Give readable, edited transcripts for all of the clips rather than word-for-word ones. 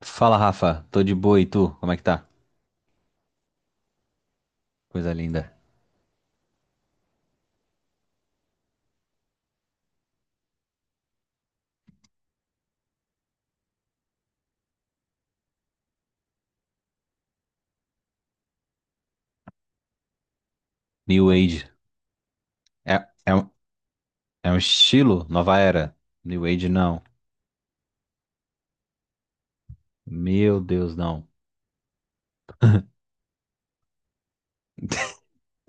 Fala, Rafa. Tô de boa e tu? Como é que tá? Coisa linda. New Age. É, é, um- É um estilo? Nova era? New Age não. Meu Deus, não.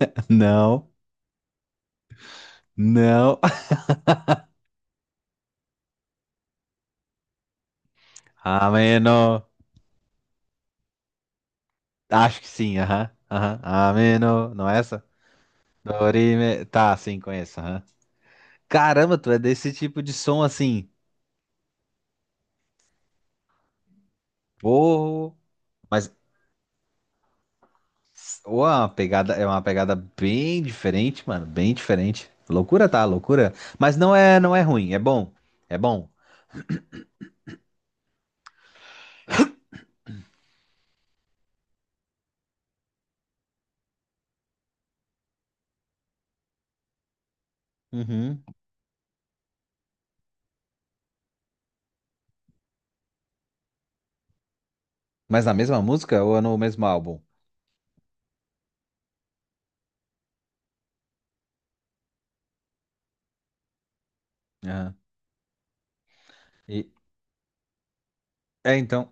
Não, não. Ameno. Acho que sim, aham. Aham. Ameno. Não é essa? Dorime. Tá, sim, conheço, aham. Caramba, tu é desse tipo de som assim. Porra. Mas ô, é uma pegada bem diferente, mano. Bem diferente. Loucura, tá? Loucura. Mas não é ruim, é bom. É bom. Uhum. Mas na mesma música ou é no mesmo álbum? Aham. E, é então,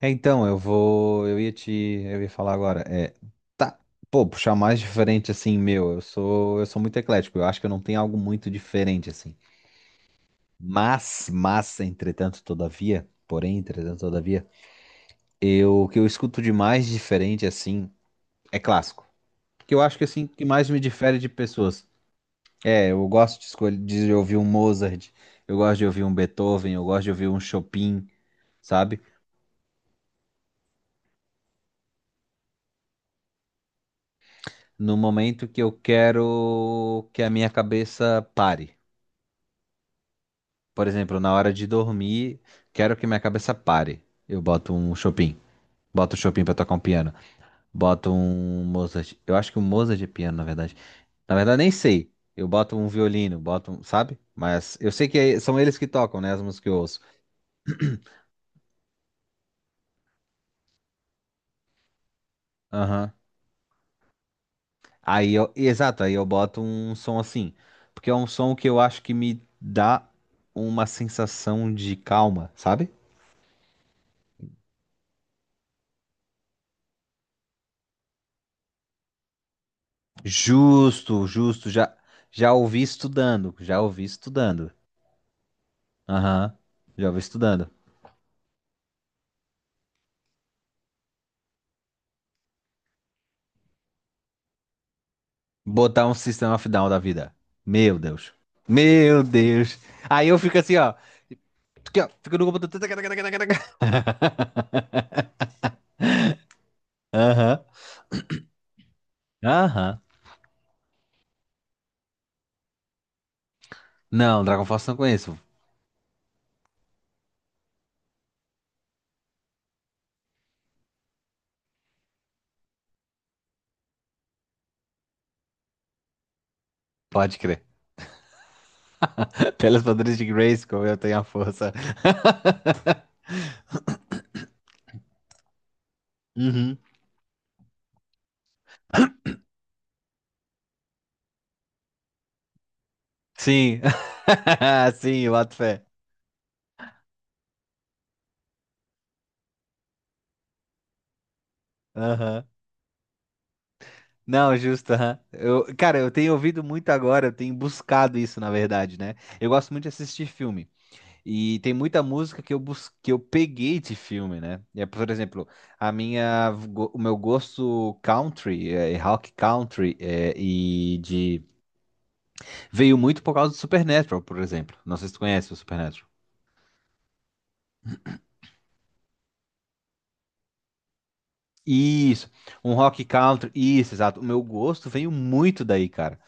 é então, eu vou, eu ia te, eu ia falar agora, tá, pô, puxar um mais diferente assim, meu, eu sou muito eclético, eu acho que eu não tenho algo muito diferente assim. Entretanto, todavia, porém, entretanto, todavia, o que eu escuto de mais diferente assim é clássico, que eu acho que assim que mais me difere de pessoas. É, eu gosto de escolher, de ouvir um Mozart, eu gosto de ouvir um Beethoven, eu gosto de ouvir um Chopin, sabe? No momento que eu quero que a minha cabeça pare. Por exemplo, na hora de dormir, quero que minha cabeça pare. Eu boto um Chopin. Boto o Chopin pra tocar um piano. Boto um Mozart. Eu acho que o Mozart é piano, na verdade. Na verdade, nem sei. Eu boto um violino, boto um, sabe? Mas eu sei que são eles que tocam, né? As músicas que eu ouço. Aham. Aí eu, exato, aí eu boto um som assim. Porque é um som que eu acho que me dá uma sensação de calma, sabe? Justo, justo, já ouvi estudando, já ouvi estudando. Aham, já ouvi estudando. Botar um sistema of Down da vida. Meu Deus. Meu Deus. Aí eu fico assim, ó, aqui, ó. Fico no computador. Aham, aham. Não, Dragon Force não conheço. Pode crer. Pelas padrões de Grayskull, eu tenho a força. Uhum. Sim. Sim, eu boto fé. Aham. Não, justo, aham. Cara, eu tenho ouvido muito agora, eu tenho buscado isso, na verdade, né? Eu gosto muito de assistir filme. E tem muita música que que eu peguei de filme, né? E é, por exemplo, o meu gosto country, é, rock country, veio muito por causa do Supernatural, por exemplo. Não sei se tu conhece o Supernatural. Isso, um rock country, isso, exato. O meu gosto veio muito daí, cara.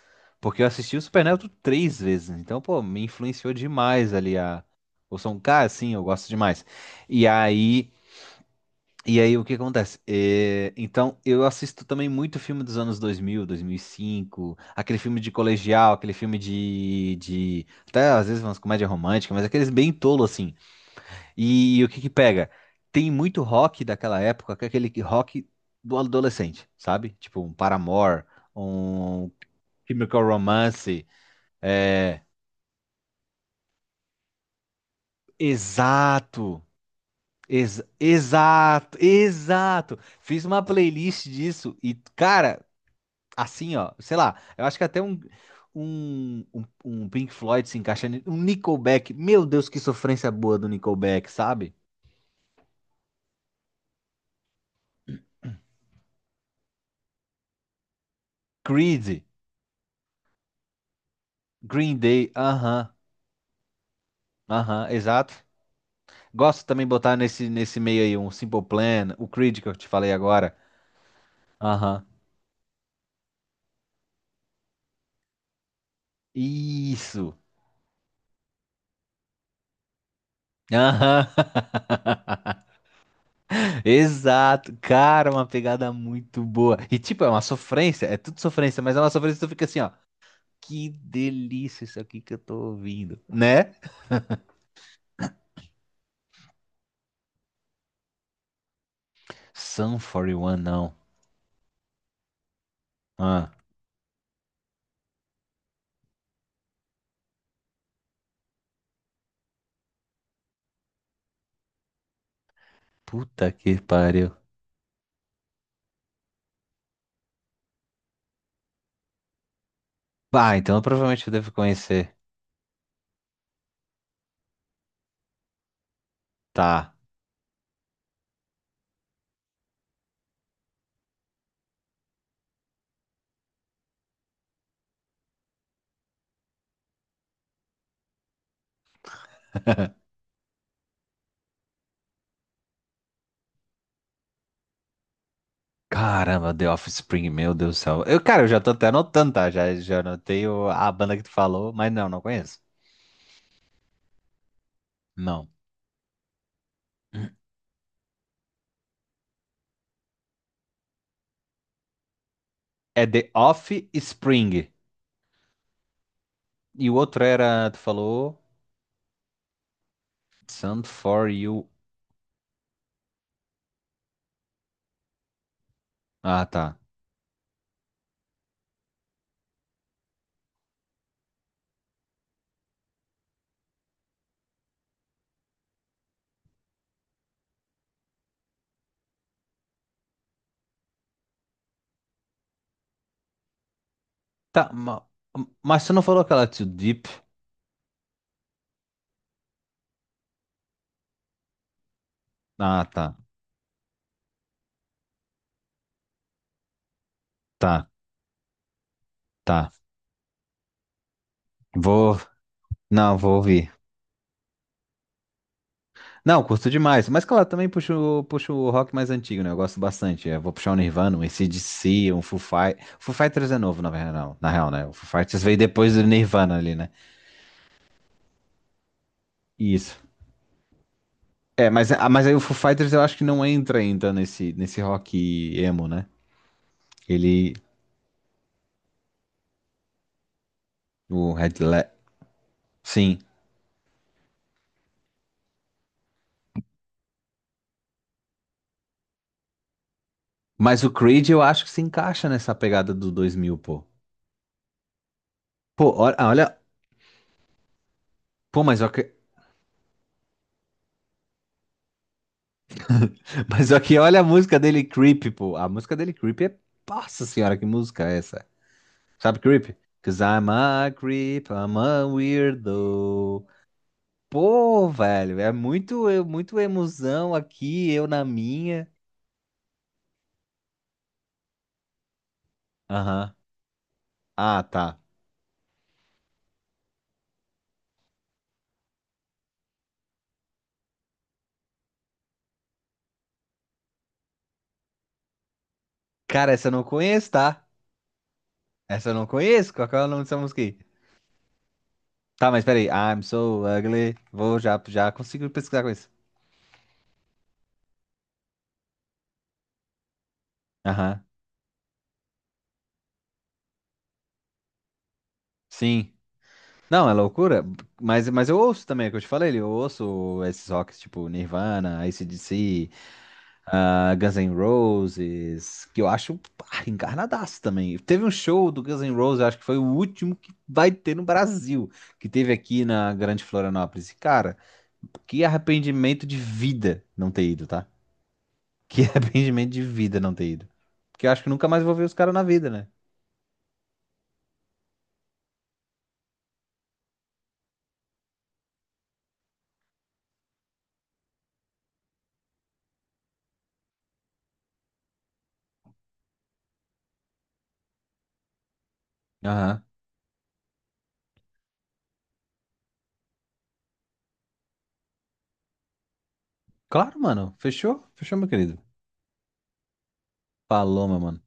Porque eu assisti o Supernatural três vezes, né? Então, pô, me influenciou demais ali o som. Cara, sim, eu gosto demais. E aí, e aí, o que acontece? Então, eu assisto também muito filme dos anos 2000, 2005, aquele filme de colegial, aquele filme de... Até às vezes umas comédias românticas, mas aqueles bem tolo, assim. E o que que pega? Tem muito rock daquela época, que é aquele rock do adolescente, sabe? Tipo um Paramore, um Chemical Romance, é... Exato! Exato! Exato! Fiz uma playlist disso e, cara, assim, ó, sei lá, eu acho que até um Pink Floyd se encaixa, um Nickelback, meu Deus, que sofrência boa do Nickelback, sabe? Creed, Green Day, aham, aham, exato. Gosto também de botar nesse, meio aí um Simple Plan, o Creed que eu te falei agora. Aham. Isso. Aham. Exato. Cara, uma pegada muito boa. E tipo, é uma sofrência, é tudo sofrência, mas é uma sofrência que tu fica assim, ó. Que delícia isso aqui que eu tô ouvindo, né? Sum 41, não. Ah, puta que pariu. Ah, então provavelmente eu devo conhecer. Tá. Caramba, The Offspring, meu Deus do céu. Cara, eu já tô até anotando, tá? Já anotei a banda que tu falou, mas não, não conheço. Não. É The Offspring. E o outro era, tu falou, Sun For You. Ah, tá. Tá, mas tu não falou aquela Too Deep? Ah, tá. Tá, tá. Vou. Não, vou ouvir. Não, curto demais. Mas claro, também puxo o rock mais antigo, né? Eu gosto bastante. Eu vou puxar um Nirvana, um CDC, um Foo Fighters. Foo Fighters é novo, na verdade, não. Na real, né? O Foo Fighters veio depois do Nirvana ali, né? Isso. É, mas aí o Foo Fighters eu acho que não entra ainda nesse rock emo, né? Ele. O Red Le... Sim. Mas o Creed eu acho que se encaixa nessa pegada do 2000, pô. Pô, olha. Pô, mas, ok- mas aqui, olha a música dele, Creep, pô. A música dele, Creep. Nossa senhora, que música é essa? Sabe Creep? Cause I'm a creep, I'm a weirdo. Pô, velho, é muito emoção aqui, eu na minha. Aham. Ah, tá. Cara, essa eu não conheço, tá? Essa eu não conheço. Qual que é o nome dessa música aí? Tá, mas peraí. I'm so ugly. Vou já consigo pesquisar com isso. Aham. Sim. Não, é loucura. Mas, eu ouço também, é o que eu te falei, eu ouço esses rocks tipo Nirvana, AC/DC. Ah, Guns N' Roses, que eu acho pá, encarnadaço também. Teve um show do Guns N' Roses, eu acho que foi o último que vai ter no Brasil, que teve aqui na Grande Florianópolis. E, cara, que arrependimento de vida não ter ido, tá? Que arrependimento de vida não ter ido. Porque eu acho que nunca mais vou ver os caras na vida, né? Aham. Claro, mano. Fechou? Fechou, meu querido. Falou, meu mano.